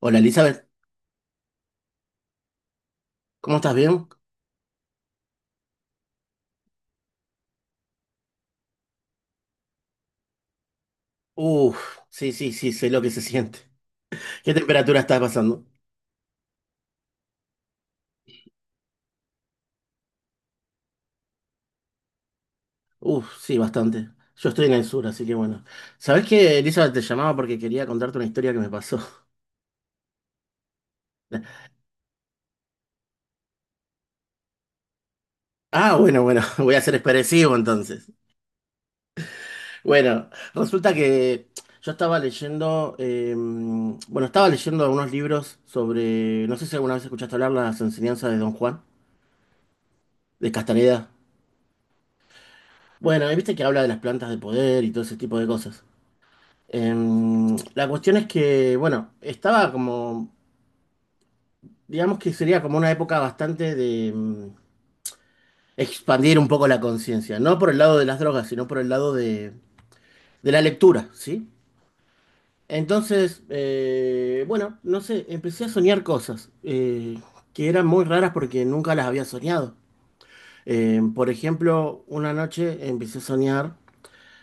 Hola Elizabeth, ¿cómo estás? ¿Bien? Uf, sí, sí, sí, sé lo que se siente. ¿Qué temperatura está pasando? Uf, sí, bastante. Yo estoy en el sur, así que bueno. ¿Sabés qué, Elizabeth? Te llamaba porque quería contarte una historia que me pasó. Ah, bueno, bueno, voy a ser expresivo entonces. Bueno, resulta que yo estaba leyendo algunos libros sobre, no sé si alguna vez escuchaste hablar las enseñanzas de Don Juan, de Castaneda. Bueno, y viste que habla de las plantas de poder y todo ese tipo de cosas. La cuestión es que, bueno, estaba como, digamos que sería como una época bastante de expandir un poco la conciencia, no por el lado de las drogas, sino por el lado de la lectura, ¿sí? Entonces, bueno, no sé, empecé a soñar cosas que eran muy raras porque nunca las había soñado. Por ejemplo, una noche empecé a soñar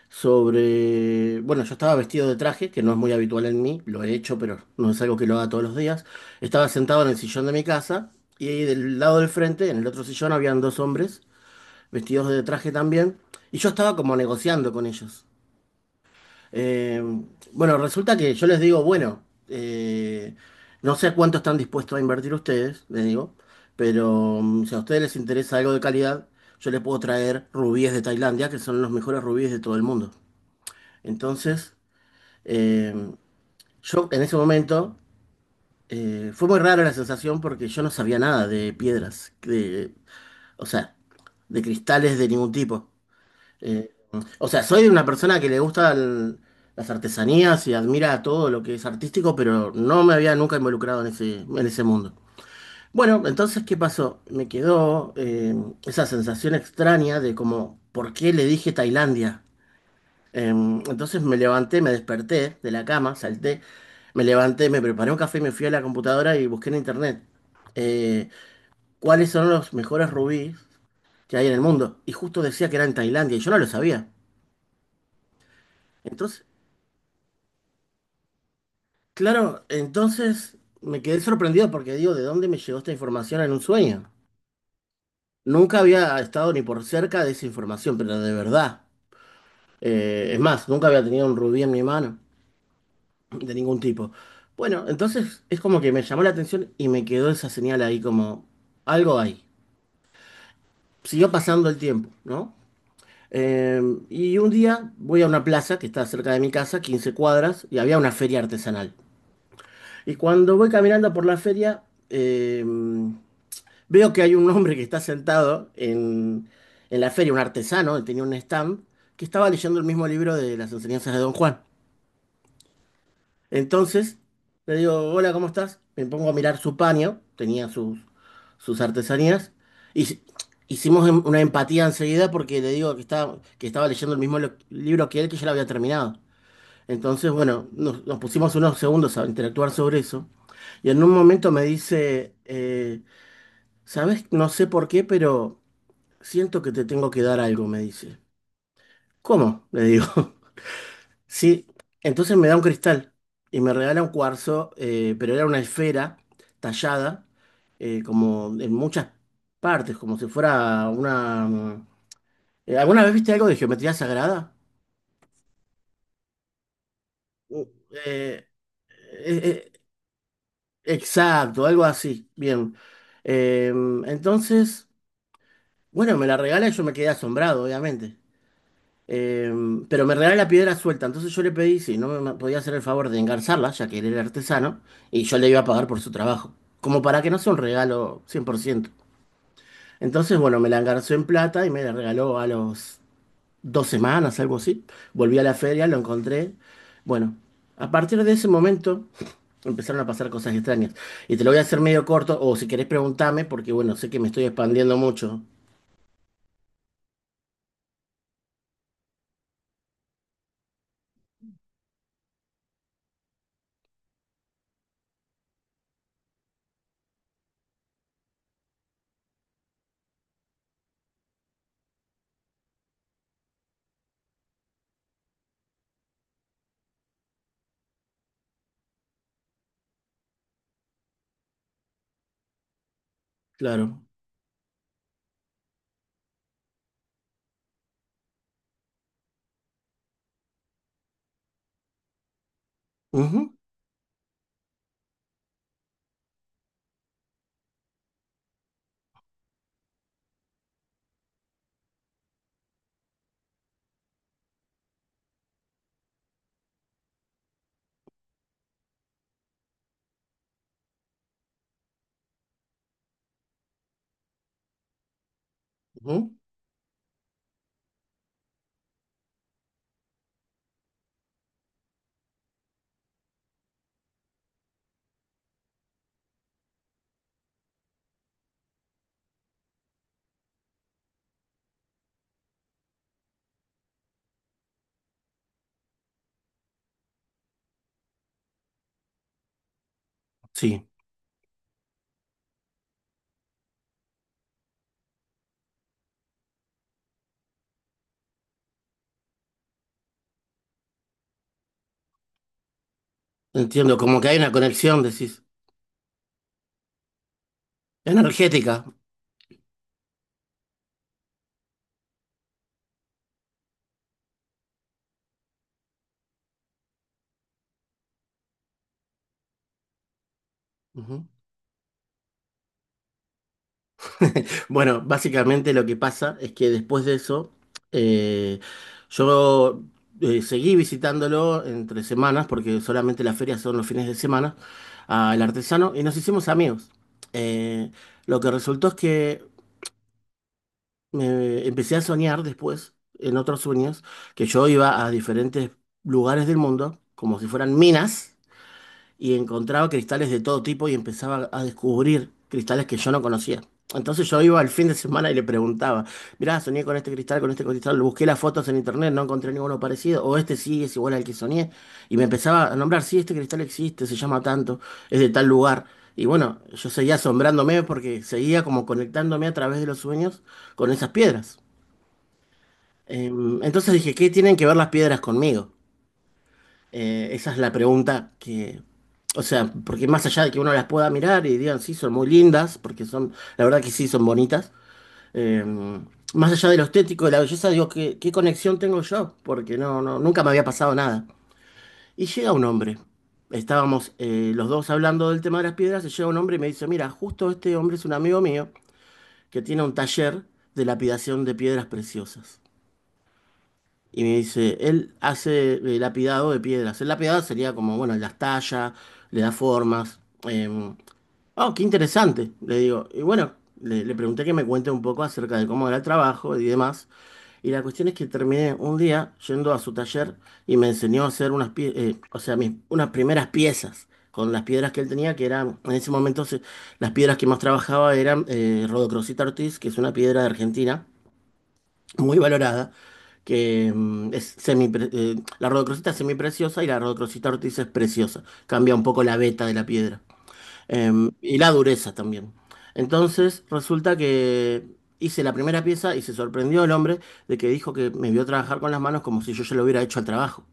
sobre, bueno, yo estaba vestido de traje, que no es muy habitual en mí, lo he hecho, pero no es algo que lo haga todos los días. Estaba sentado en el sillón de mi casa y del lado del frente, en el otro sillón, habían dos hombres vestidos de traje también, y yo estaba como negociando con ellos. Eh, bueno, resulta que yo les digo, bueno, no sé cuánto están dispuestos a invertir ustedes, les digo, pero si a ustedes les interesa algo de calidad, yo les puedo traer rubíes de Tailandia, que son los mejores rubíes de todo el mundo. Entonces, eh, yo en ese momento fue muy rara la sensación porque yo no sabía nada de piedras, o sea, de cristales de ningún tipo. Eh, o sea, soy una persona que le gusta las artesanías y admira todo lo que es artístico, pero no me había nunca involucrado en ese mundo. Bueno, entonces, ¿qué pasó? Me quedó esa sensación extraña de como, ¿por qué le dije Tailandia? Entonces me levanté, me desperté de la cama, salté, me levanté, me preparé un café, y me fui a la computadora y busqué en internet eh, cuáles son los mejores rubíes que hay en el mundo. Y justo decía que era en Tailandia y yo no lo sabía. Entonces, claro, entonces me quedé sorprendido porque digo, ¿de dónde me llegó esta información en un sueño? Nunca había estado ni por cerca de esa información, pero de verdad. Es más, nunca había tenido un rubí en mi mano de ningún tipo. Bueno, entonces es como que me llamó la atención y me quedó esa señal ahí como algo ahí. Siguió pasando el tiempo, ¿no? Eh, y un día voy a una plaza que está cerca de mi casa, 15 cuadras, y había una feria artesanal. Y cuando voy caminando por la feria, eh, veo que hay un hombre que está sentado en la feria, un artesano, él tenía un stand, que estaba leyendo el mismo libro de las enseñanzas de Don Juan. Entonces, le digo, hola, ¿cómo estás? Me pongo a mirar su paño, tenía sus artesanías, y hicimos una empatía enseguida porque le digo que estaba leyendo el mismo libro que él, que ya lo había terminado. Entonces, bueno, nos pusimos unos segundos a interactuar sobre eso, y en un momento me dice, ¿sabes? No sé por qué, pero siento que te tengo que dar algo, me dice. ¿Cómo? Le digo. Sí, entonces me da un cristal y me regala un cuarzo, pero era una esfera tallada, como en muchas partes, como si fuera una. ¿Alguna vez viste algo de geometría sagrada? Uh, eh, eh, exacto, algo así, bien. Eh, entonces, bueno, me la regala y yo me quedé asombrado, obviamente. Eh, pero me regaló la piedra suelta, entonces yo le pedí si no me podía hacer el favor de engarzarla, ya que él era artesano, y yo le iba a pagar por su trabajo, como para que no sea un regalo 100%. Entonces, bueno, me la engarzó en plata y me la regaló a los 2 semanas, algo así. Volví a la feria, lo encontré. Bueno, a partir de ese momento empezaron a pasar cosas extrañas. Y te lo voy a hacer medio corto, o si querés preguntarme, porque bueno, sé que me estoy expandiendo mucho. Claro. Ujú, ujú. Sí. Entiendo, como que hay una conexión, decís, energética. Ujú. Bueno, básicamente lo que pasa es que después de eso, eh, yo seguí visitándolo entre semanas, porque solamente las ferias son los fines de semana, al artesano, y nos hicimos amigos. Eh, lo que resultó es que me empecé a soñar después, en otros sueños, que yo iba a diferentes lugares del mundo, como si fueran minas y encontraba cristales de todo tipo y empezaba a descubrir cristales que yo no conocía. Entonces yo iba al fin de semana y le preguntaba, mirá, soñé con este cristal, busqué las fotos en internet, no encontré ninguno parecido, o este sí es igual al que soñé, y me empezaba a nombrar, sí, este cristal existe, se llama tanto, es de tal lugar. Y bueno, yo seguía asombrándome porque seguía como conectándome a través de los sueños con esas piedras. Entonces dije, ¿qué tienen que ver las piedras conmigo? Esa es la pregunta que, o sea, porque más allá de que uno las pueda mirar y digan, sí, son muy lindas, porque son, la verdad que sí, son bonitas, eh, más allá de lo estético, de la belleza, digo, ¿qué, qué conexión tengo yo? Porque no, no, nunca me había pasado nada. Y llega un hombre, estábamos los dos hablando del tema de las piedras, y llega un hombre y me dice, mira, justo este hombre es un amigo mío que tiene un taller de lapidación de piedras preciosas. Y me dice, él hace lapidado de piedras. El lapidado sería como, bueno, las talla, le da formas. Oh, qué interesante, le digo. Y bueno, le pregunté que me cuente un poco acerca de cómo era el trabajo y demás. Y la cuestión es que terminé un día yendo a su taller y me enseñó a hacer unas, o sea, mis- unas primeras piezas con las piedras que él tenía, que eran, en ese momento las piedras que más trabajaba eran Rodocrosita Ortiz, que es una piedra de Argentina muy valorada, que la rodocrosita es semipreciosa y la rodocrosita ortiz es preciosa. Cambia un poco la veta de la piedra. Y la dureza también. Entonces, resulta que hice la primera pieza y se sorprendió el hombre de que dijo que me vio trabajar con las manos como si yo ya lo hubiera hecho al trabajo.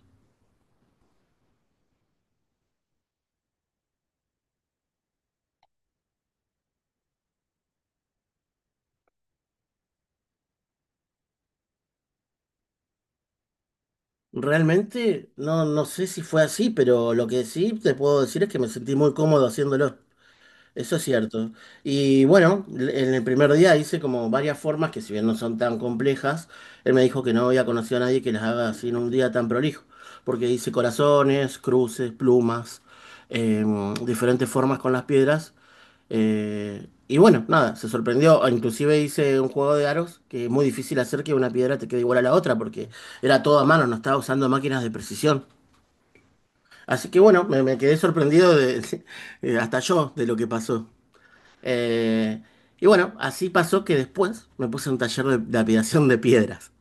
Realmente, no sé si fue así, pero lo que sí te puedo decir es que me sentí muy cómodo haciéndolo. Eso es cierto. Y bueno, en el primer día hice como varias formas que si bien no son tan complejas, él me dijo que no había conocido a nadie que las haga así en un día tan prolijo, porque hice corazones, cruces, plumas, eh, diferentes formas con las piedras. Y bueno, nada, se sorprendió. Inclusive hice un juego de aros que es muy difícil hacer que una piedra te quede igual a la otra, porque era todo a mano, no estaba usando máquinas de precisión. Así que bueno, me quedé sorprendido de, hasta yo de lo que pasó. Eh, y bueno, así pasó que después me puse en un taller de apilación de piedras.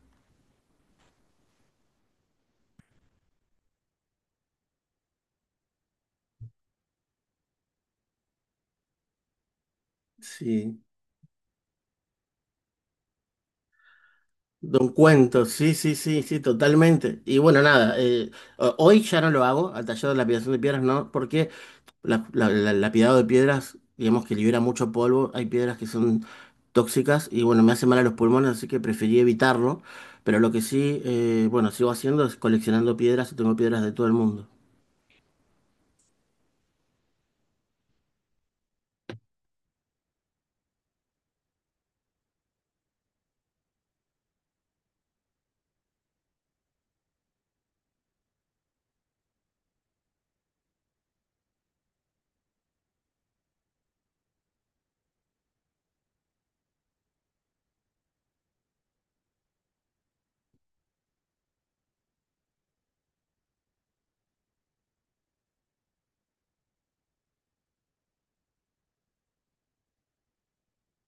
Sí, de un cuento, sí, sí, sí, sí, totalmente. Y bueno, nada, hoy ya no lo hago, al taller de lapidación de piedras no, porque el lapidado de piedras, digamos que libera mucho polvo, hay piedras que son tóxicas y bueno, me hace mal a los pulmones, así que preferí evitarlo. Pero lo que sí, bueno, sigo haciendo es coleccionando piedras y tengo piedras de todo el mundo.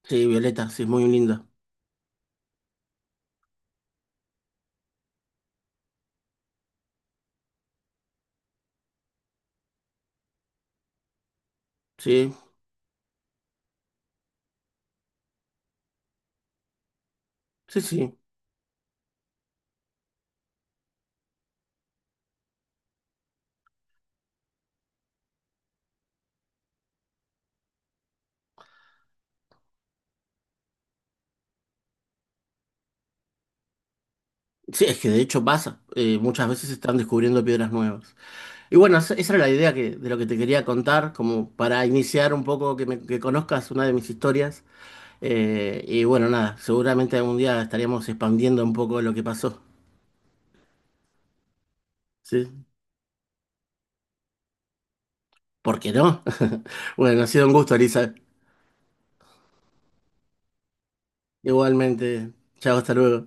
Sí, Violeta, sí, es muy linda. Sí, sí, sí. Sí, es que de hecho pasa. Muchas veces se están descubriendo piedras nuevas. Y bueno, esa era la idea que, de lo que te quería contar, como para iniciar un poco que conozcas una de mis historias. Y bueno, nada, seguramente algún día estaríamos expandiendo un poco lo que pasó. ¿Sí? ¿Por qué no? Bueno, ha sido un gusto, Elisa. Igualmente. Chao, hasta luego.